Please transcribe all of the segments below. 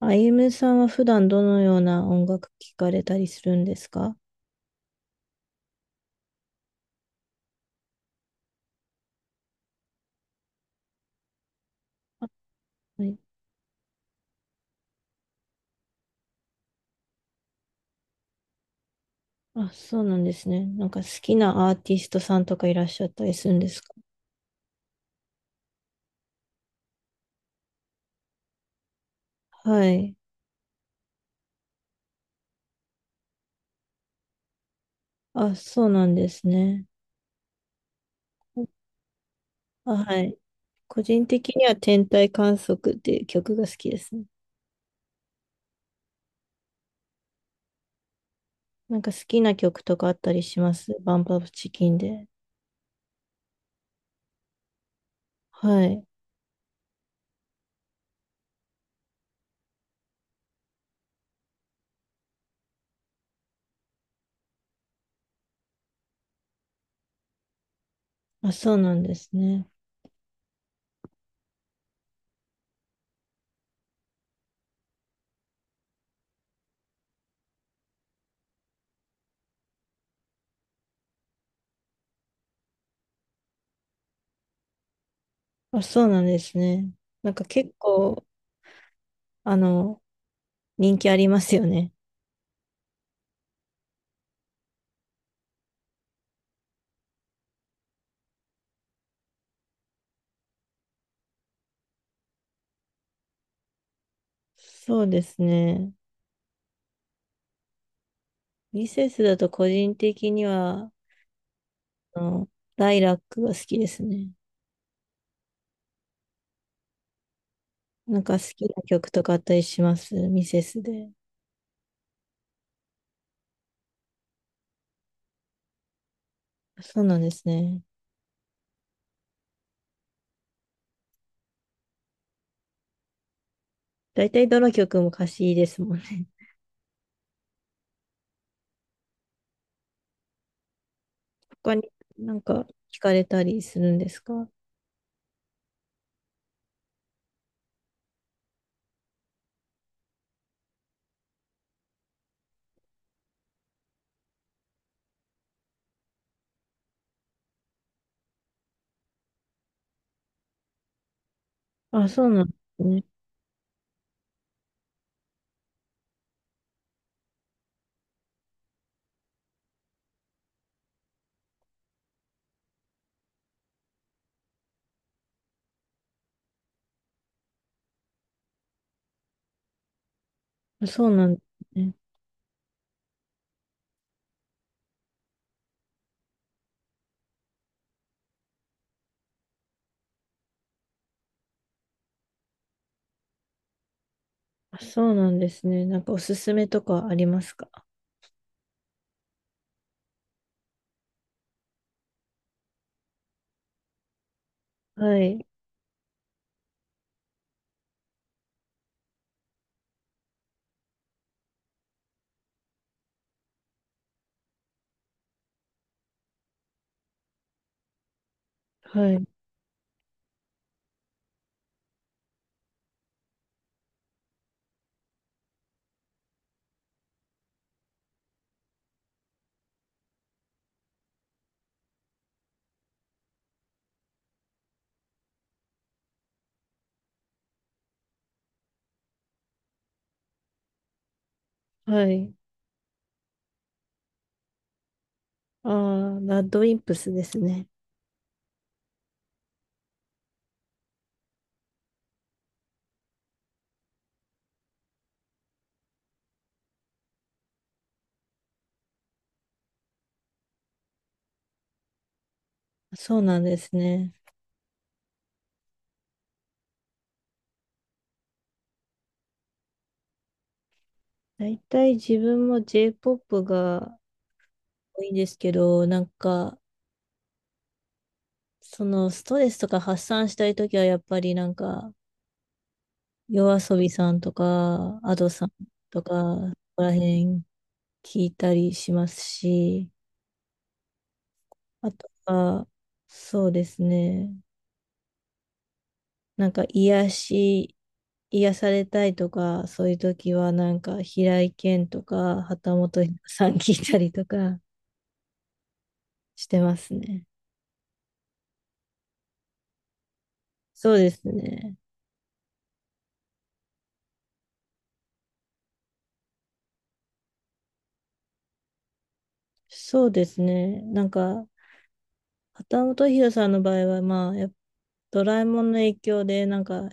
あゆむさんは普段どのような音楽聴かれたりするんですか？はい。あ、そうなんですね。なんか好きなアーティストさんとかいらっしゃったりするんですか？はい。あ、そうなんですね。あ、はい。個人的には天体観測っていう曲が好きですね。なんか好きな曲とかあったりしますバンプアップチキンで。はい。あ、そうなんですね。あ、そうなんですね。なんか結構、あの、人気ありますよね。そうですね。ミセスだと個人的には、あの、ライラックが好きですね。なんか好きな曲とかあったりしますミセスで。そうなんですね。だいたいどの曲も歌詞いいですもんね。他になんか聞かれたりするんですか？あ、そうなんですね。あそうなんですね。あ、そうなんですね。なんかおすすめとかありますか？はい。はい。はい。ああ、ラッドウィンプスですね。そうなんですね。大体自分も J-POP が多いんですけど、なんか、そのストレスとか発散したいときは、やっぱりなんか、夜遊びさんとか、アドさんとか、そこら辺聞いたりしますし、あとは、そうですね、なんか癒し、癒されたいとか、そういうときは、なんか、平井堅とか、旗本さん聞いたりとかしてますね。そうですね。そうですね。なんか、畑本博さんの場合は、まあ、やっぱドラえもんの影響で、なんか、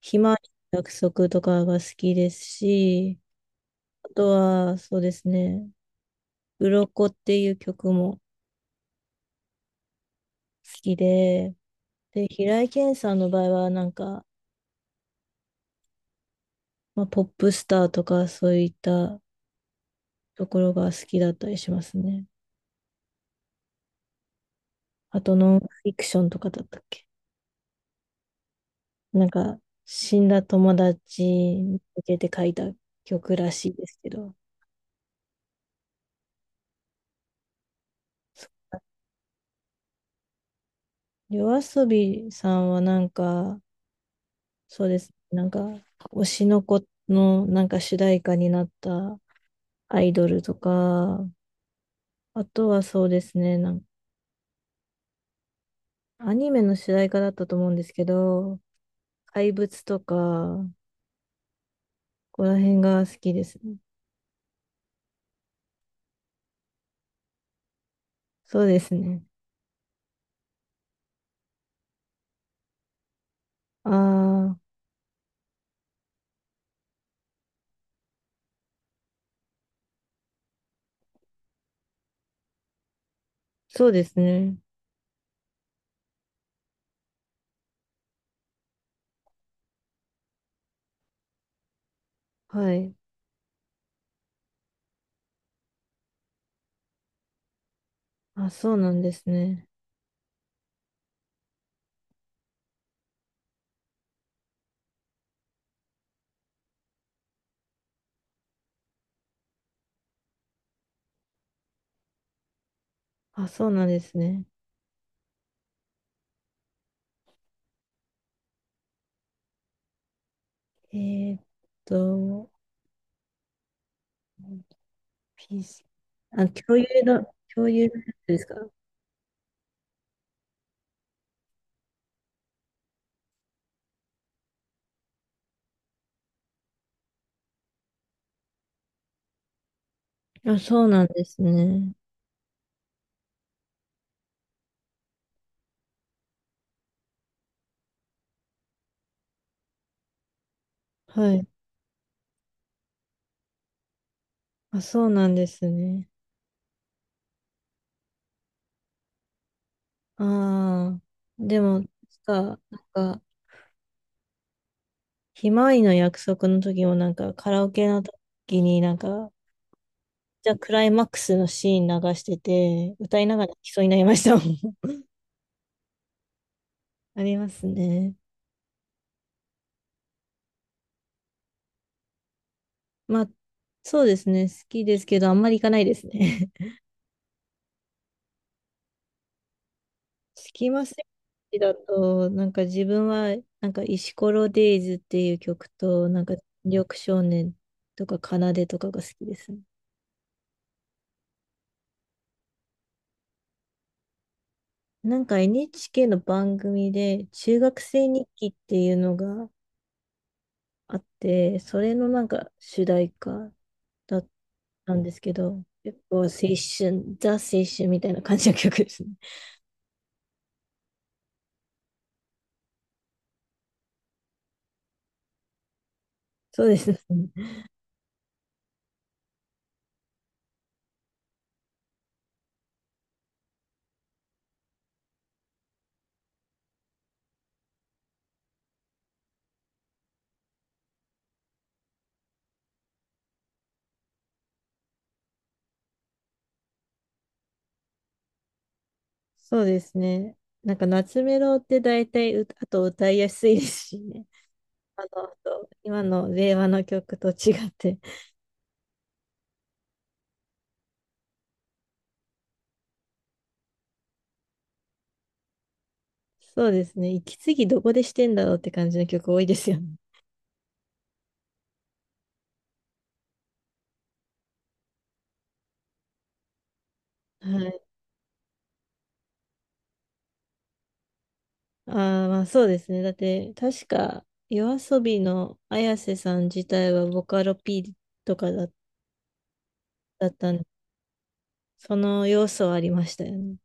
ひまわりの約束とかが好きですし、あとは、そうですね、鱗っていう曲も好きで、で、平井堅さんの場合は、なんか、まあ、ポップスターとか、そういったところが好きだったりしますね。あと、ノンフィクションとかだったっけ。なんか、死んだ友達に向けて書いた曲らしいですけど、夜遊びさんはなんか、そうですね。なんか、推しの子のなんか主題歌になったアイドルとか、あとはそうですね、なんかアニメの主題歌だったと思うんですけど、怪物とか、ここら辺が好きですね。そうですね。ああ、そうですね。はい。あ、そうなんですね。あ、そうなんですね。えーっと、ピース。あ、共有の、共有のやつですか？あ、そうなんですね。はい。あ、そうなんですね。ああ。でも、確か、なんか、ひまわりの約束の時も、なんか、カラオケの時になんか、じゃあクライマックスのシーン流してて、歌いながら泣きそうになりましたもん。ありますね。まあ、そうですね。好きですけど、あんまり行かないですね。スキマスイッチだと、なんか自分は、なんか石ころデイズっていう曲と、なんか緑少年とか奏でとかが好きですね。なんか NHK の番組で、中学生日記っていうのがあって、それのなんか主題歌だったんですけど、結構青春、ザ青春みたいな感じの曲ですね。そうですね。そうですね。なんか夏メロって大体うあと歌いやすいですしね。あの、そう今の令和の曲と違って、そうですね、息継ぎどこでしてんだろうって感じの曲多いですよね。はい。ああ、まあそうですね。だって、確か、夜遊びの綾瀬さん自体はボカロ P とかだったんで、その要素はありましたよね。